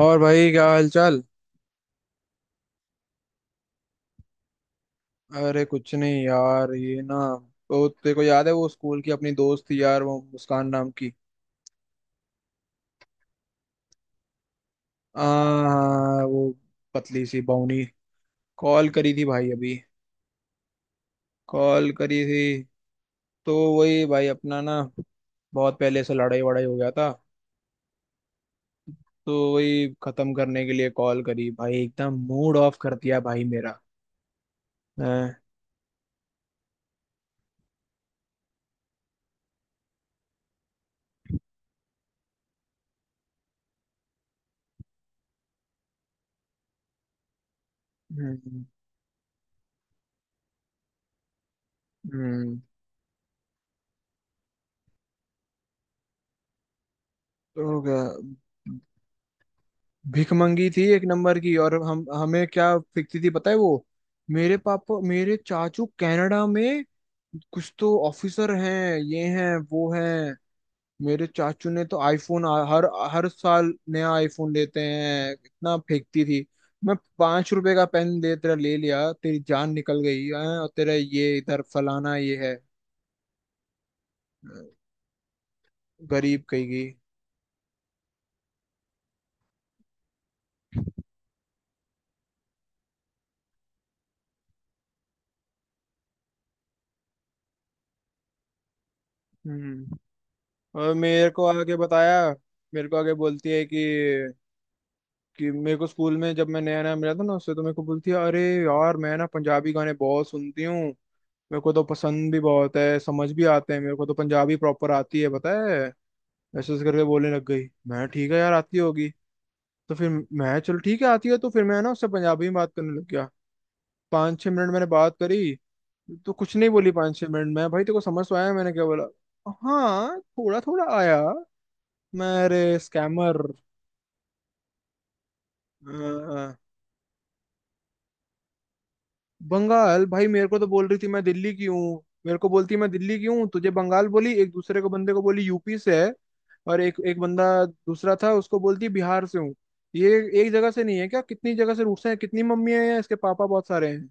और भाई क्या हाल चाल। अरे कुछ नहीं यार, ये ना, तो तेरे को याद है वो स्कूल की अपनी दोस्त थी यार, वो मुस्कान नाम की। आ हाँ, वो पतली सी बाउनी, कॉल करी थी भाई अभी। कॉल करी थी। तो वही भाई, अपना ना, बहुत पहले से लड़ाई वड़ाई हो गया था। तो वही खत्म करने के लिए कॉल करी भाई, एकदम मूड ऑफ कर दिया भाई मेरा। हैं? हम्म। हम्म, तो क्या भीख मंगी थी एक नंबर की। और हम हमें क्या फेंकती थी पता है वो। मेरे पापा मेरे चाचू कनाडा में कुछ तो ऑफिसर हैं, ये हैं वो हैं। मेरे चाचू ने तो आईफोन हर हर साल नया आईफोन लेते हैं, इतना फेंकती थी। मैं 5 रुपए का पेन दे तेरा ले लिया तेरी जान निकल गई हैं, और तेरा ये इधर फलाना ये है, गरीब कहेगी। हम्म। और मेरे को आगे बताया। मेरे को आगे बोलती है कि मेरे को स्कूल में जब मैं नया नया मिला था ना उससे तो मेरे को बोलती है, अरे यार मैं ना पंजाबी गाने बहुत सुनती हूँ, मेरे को तो पसंद भी बहुत है, समझ भी आते हैं, मेरे को तो पंजाबी प्रॉपर आती है पता है। ऐसे ऐसे करके बोलने लग गई। मैं, ठीक है यार आती होगी। तो फिर मैं चल ठीक है आती है, तो फिर मैं ना उससे पंजाबी में बात करने लग गया। 5-6 मिनट मैंने बात करी, तो कुछ नहीं बोली। 5-6 मिनट में भाई, तेरे को समझ तो आया मैंने क्या बोला? हाँ थोड़ा थोड़ा आया। मैं, अरे स्कैमर! हाँ, हाँ। बंगाल, भाई मेरे को तो बोल रही थी मैं दिल्ली की हूँ, मेरे को बोलती मैं दिल्ली की हूँ, तुझे बंगाल बोली, एक दूसरे को बंदे को बोली यूपी से है, और एक एक बंदा दूसरा था उसको बोलती बिहार से हूँ। ये एक जगह से नहीं है क्या? कितनी जगह से रूट्स हैं, कितनी मम्मी है या इसके पापा बहुत सारे हैं।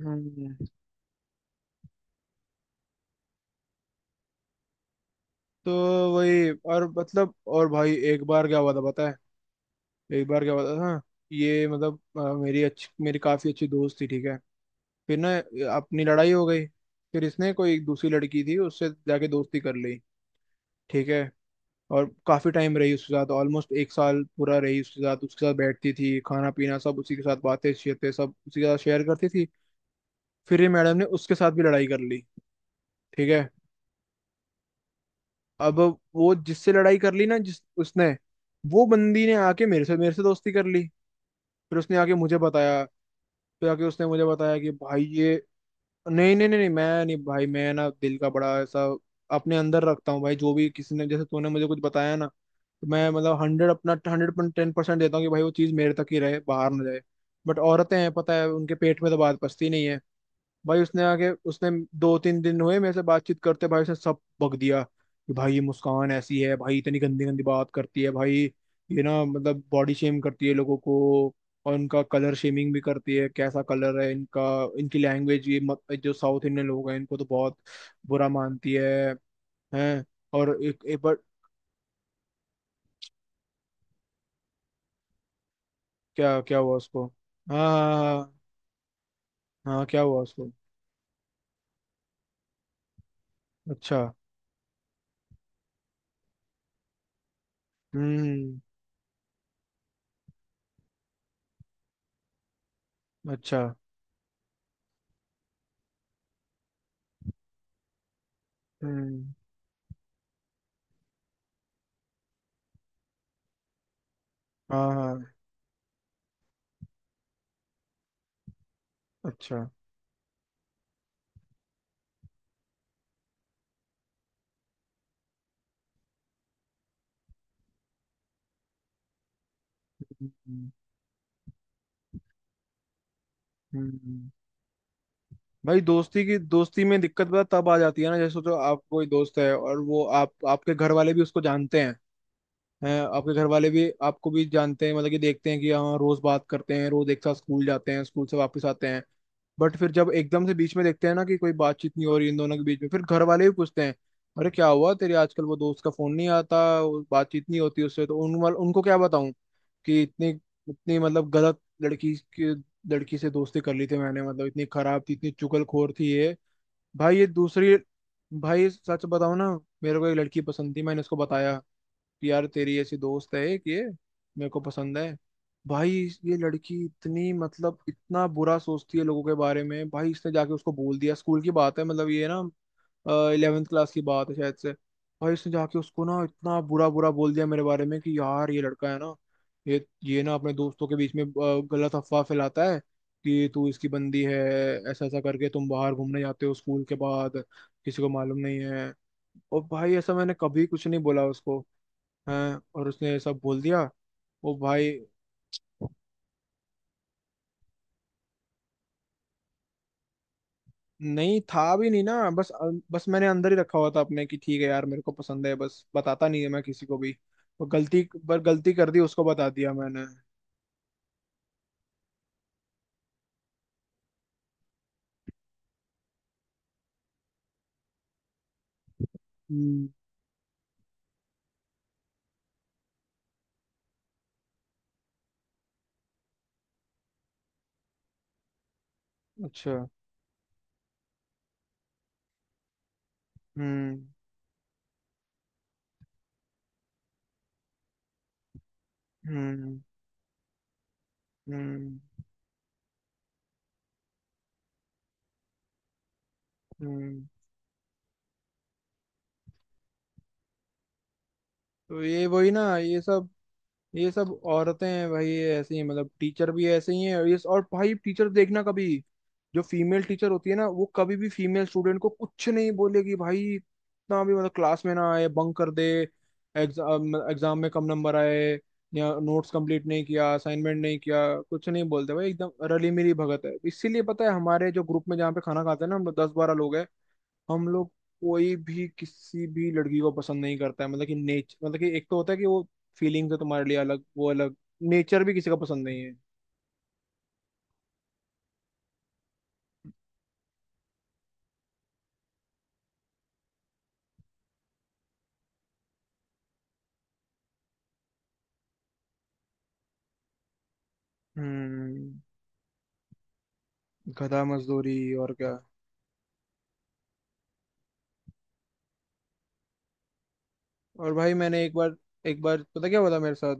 हम्म। तो वही, और मतलब, और भाई एक बार क्या हुआ था पता है। एक बार क्या हुआ था, हाँ। ये मतलब, मेरी काफी अच्छी दोस्त थी ठीक है। फिर ना अपनी लड़ाई हो गई। फिर इसने कोई एक दूसरी लड़की थी उससे जाके दोस्ती कर ली ठीक है, और काफी टाइम रही उसके साथ, ऑलमोस्ट एक साल पूरा रही उसके साथ, उसके साथ बैठती थी, खाना पीना सब उसी के साथ, बातें शेतें सब उसी के साथ शेयर करती थी। फिर ये मैडम ने उसके साथ भी लड़ाई कर ली ठीक है। अब, वो जिससे लड़ाई कर ली ना, जिस उसने वो बंदी ने आके मेरे से दोस्ती कर ली। फिर उसने आके मुझे बताया। फिर आके उसने मुझे बताया कि भाई ये, नहीं नहीं नहीं नहीं, मैं नहीं भाई, मैं ना दिल का बड़ा ऐसा अपने अंदर रखता हूँ भाई। जो भी किसी ने, जैसे तूने मुझे कुछ बताया ना, तो मैं मतलब 100.10% देता हूँ कि भाई वो चीज़ मेरे तक ही रहे, बाहर ना जाए। बट औरतें हैं पता है, उनके पेट में तो बात पचती नहीं है। भाई उसने आके उसने, 2-3 दिन हुए मेरे से बातचीत करते, भाई उसने सब बक दिया कि भाई ये मुस्कान ऐसी है, भाई इतनी गंदी गंदी बात करती है भाई, ये ना मतलब बॉडी शेम करती है लोगों को, और उनका कलर शेमिंग भी करती है, कैसा कलर है इनका, इनकी लैंग्वेज। ये मत, जो साउथ इंडियन लोग हैं इनको तो बहुत बुरा मानती है। हैं। और एक बार, क्या क्या हुआ उसको? हाँ हाँ हाँ। हाँ, हाँ, क्या हुआ उसको? अच्छा। हम्म। अच्छा। हम्म। हाँ हाँ। अच्छा। हम्म। हम्म। हम्म। भाई दोस्ती की, दोस्ती में दिक्कत पता तब आ जाती है ना, जैसे सोचो आप कोई दोस्त है और वो आप, आपके घर वाले भी उसको जानते हैं आपके घर वाले भी, आपको भी जानते हैं, मतलब कि देखते हैं कि हाँ रोज बात करते हैं, रोज एक साथ स्कूल जाते हैं, स्कूल से वापस आते हैं, बट फिर जब एकदम से बीच में देखते हैं ना कि कोई बातचीत नहीं हो रही इन दोनों के बीच में, फिर घर वाले भी पूछते हैं, अरे क्या हुआ तेरे आजकल, वो दोस्त का फोन नहीं आता, वो बातचीत नहीं होती उससे, तो उनको क्या बताऊं कि इतनी इतनी मतलब गलत लड़की की लड़की से दोस्ती कर ली थी मैंने, मतलब इतनी खराब थी, इतनी चुगलखोर थी ये। भाई ये दूसरी भाई सच बताऊं ना, मेरे को एक लड़की पसंद थी, मैंने उसको बताया यार तेरी ऐसी दोस्त है एक ये, मेरे को पसंद है। भाई ये लड़की इतनी मतलब इतना बुरा सोचती है लोगों के बारे में, भाई इसने जाके उसको बोल दिया, स्कूल की बात है मतलब, ये ना 11वीं क्लास की बात है शायद से। भाई इसने जाके उसको ना इतना बुरा बुरा बोल दिया मेरे बारे में, कि यार ये लड़का है ना, ये ना अपने दोस्तों के बीच में गलत अफवाह फैलाता है कि तू इसकी बंदी है, ऐसा ऐसा करके तुम बाहर घूमने जाते हो स्कूल के बाद, किसी को मालूम नहीं है। और भाई ऐसा मैंने कभी कुछ नहीं बोला उसको। हैं, और उसने ये सब बोल दिया। वो भाई, नहीं था भी नहीं ना, बस, मैंने अंदर ही रखा हुआ था अपने कि ठीक है यार मेरे को पसंद है, बस बताता नहीं है मैं किसी को भी। वो गलती, पर गलती कर दी, उसको बता दिया मैंने। हम्म। अच्छा। हम्म। हम्म। हम्म। हम्म, तो ये वही ना, ये सब औरतें हैं भाई, ये ऐसी हैं, मतलब टीचर भी ऐसे ही हैं, और ये, और भाई टीचर देखना कभी, जो फीमेल टीचर होती है ना वो कभी भी फीमेल स्टूडेंट को कुछ नहीं बोलेगी भाई, इतना भी मतलब क्लास में ना आए, बंक कर दे, एग्जाम एग्जाम में कम नंबर आए, या नोट्स कंप्लीट नहीं किया, असाइनमेंट नहीं किया, कुछ नहीं बोलते भाई, एकदम रली मिली भगत है। इसीलिए पता है हमारे जो ग्रुप में जहाँ पे खाना खाते हैं ना, हम लोग 10-12 लोग हैं। हम लोग कोई भी किसी भी लड़की को पसंद नहीं करता है, मतलब कि नेच मतलब कि एक तो होता है कि वो फीलिंग्स है तुम्हारे लिए अलग वो अलग, नेचर भी किसी का पसंद नहीं है। हम्म। गधा मजदूरी। और क्या। और भाई मैंने एक बार, पता क्या हुआ था मेरे साथ।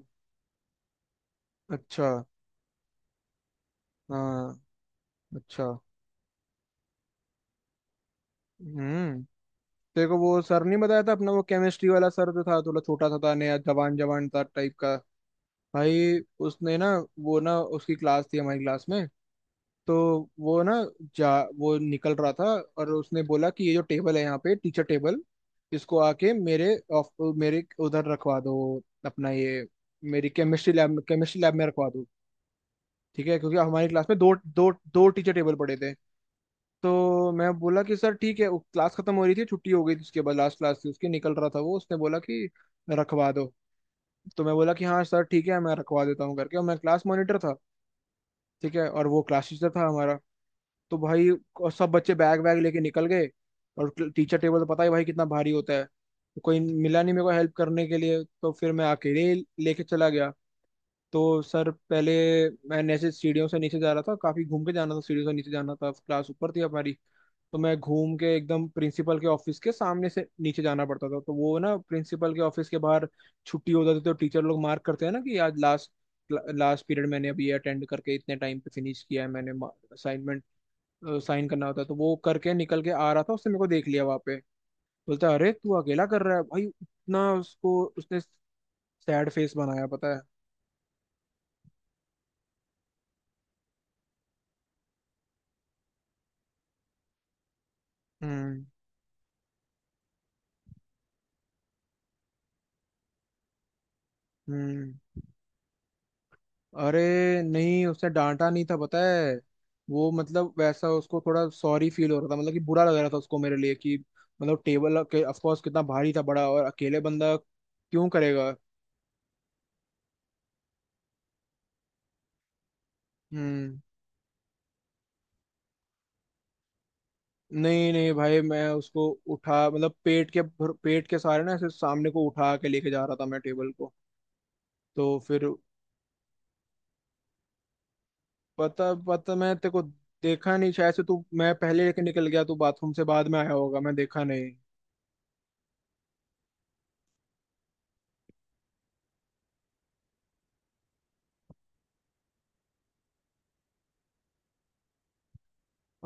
अच्छा। हाँ। अच्छा। हम्म। तेरे को वो सर नहीं बताया था अपना, वो केमिस्ट्री वाला सर जो था, थोड़ा छोटा सा था, नया जवान जवान था टाइप का। भाई उसने ना, वो ना उसकी क्लास थी हमारी क्लास में, तो वो ना, जा वो निकल रहा था, और उसने बोला कि ये जो टेबल है यहाँ पे टीचर टेबल, इसको आके मेरे उधर रखवा दो, अपना ये, मेरी केमिस्ट्री लैब में रखवा दो ठीक है, क्योंकि हमारी क्लास में दो दो दो टीचर टेबल पड़े थे। तो मैं बोला कि सर ठीक है। वो क्लास खत्म हो रही थी, छुट्टी हो गई थी, उसके बाद लास्ट क्लास थी उसकी, निकल रहा था वो, उसने बोला कि रखवा दो, तो मैं बोला कि हाँ सर ठीक है मैं रखवा देता हूँ करके, और मैं क्लास मॉनिटर था ठीक है, और वो क्लास टीचर था हमारा। तो भाई और सब बच्चे बैग वैग लेके निकल गए, और टीचर टेबल तो पता ही भाई कितना भारी होता है, तो कोई मिला नहीं मेरे को हेल्प करने के लिए, तो फिर मैं अकेले ही लेके चला गया। तो सर पहले, मैं नीचे सीढ़ियों से नीचे जा रहा था, काफी घूम के जाना था, सीढ़ियों से नीचे जाना था, क्लास ऊपर थी हमारी, तो मैं घूम के एकदम प्रिंसिपल के ऑफिस के सामने से नीचे जाना पड़ता था, तो वो ना प्रिंसिपल के ऑफिस के बाहर, छुट्टी हो जाती तो टीचर लोग मार्क करते हैं ना कि आज लास्ट लास्ट पीरियड मैंने अभी अटेंड करके इतने टाइम पे फिनिश किया है मैंने असाइनमेंट, साइन करना होता है। तो वो करके निकल के आ रहा था, उसने मेरे को देख लिया वहां पे, बोलता है अरे तू अकेला कर रहा है भाई उतना उसको, उसने सैड फेस बनाया पता है। हम्म। हम्म। अरे नहीं उसने डांटा नहीं था पता है, वो मतलब वैसा उसको थोड़ा सॉरी फील हो रहा था, मतलब कि बुरा लग रहा था उसको मेरे लिए कि मतलब टेबल के ऑफ कोर्स कितना भारी था, बड़ा, और अकेले बंदा क्यों करेगा। हम्म। नहीं नहीं भाई मैं उसको उठा मतलब पेट के सहारे ना ऐसे सामने को उठा के लेके जा रहा था मैं टेबल को। तो फिर पता पता मैं तेरे को देखा नहीं शायद से तू, मैं पहले लेके निकल गया, तू बाथरूम से बाद में आया होगा, मैं देखा नहीं।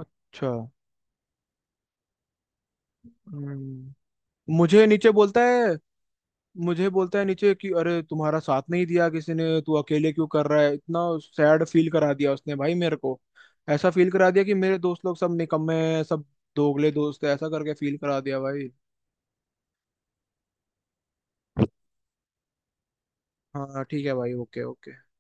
अच्छा। हम्म। मुझे नीचे बोलता है, मुझे बोलता है नीचे कि अरे तुम्हारा साथ नहीं दिया किसी ने, तू अकेले क्यों कर रहा है, इतना सैड फील करा दिया उसने भाई मेरे को। ऐसा फील करा दिया कि मेरे दोस्त लोग सब निकम्मे हैं, सब दोगले दोस्त हैं, ऐसा करके फील करा दिया भाई। हाँ ठीक है भाई। Okay okay.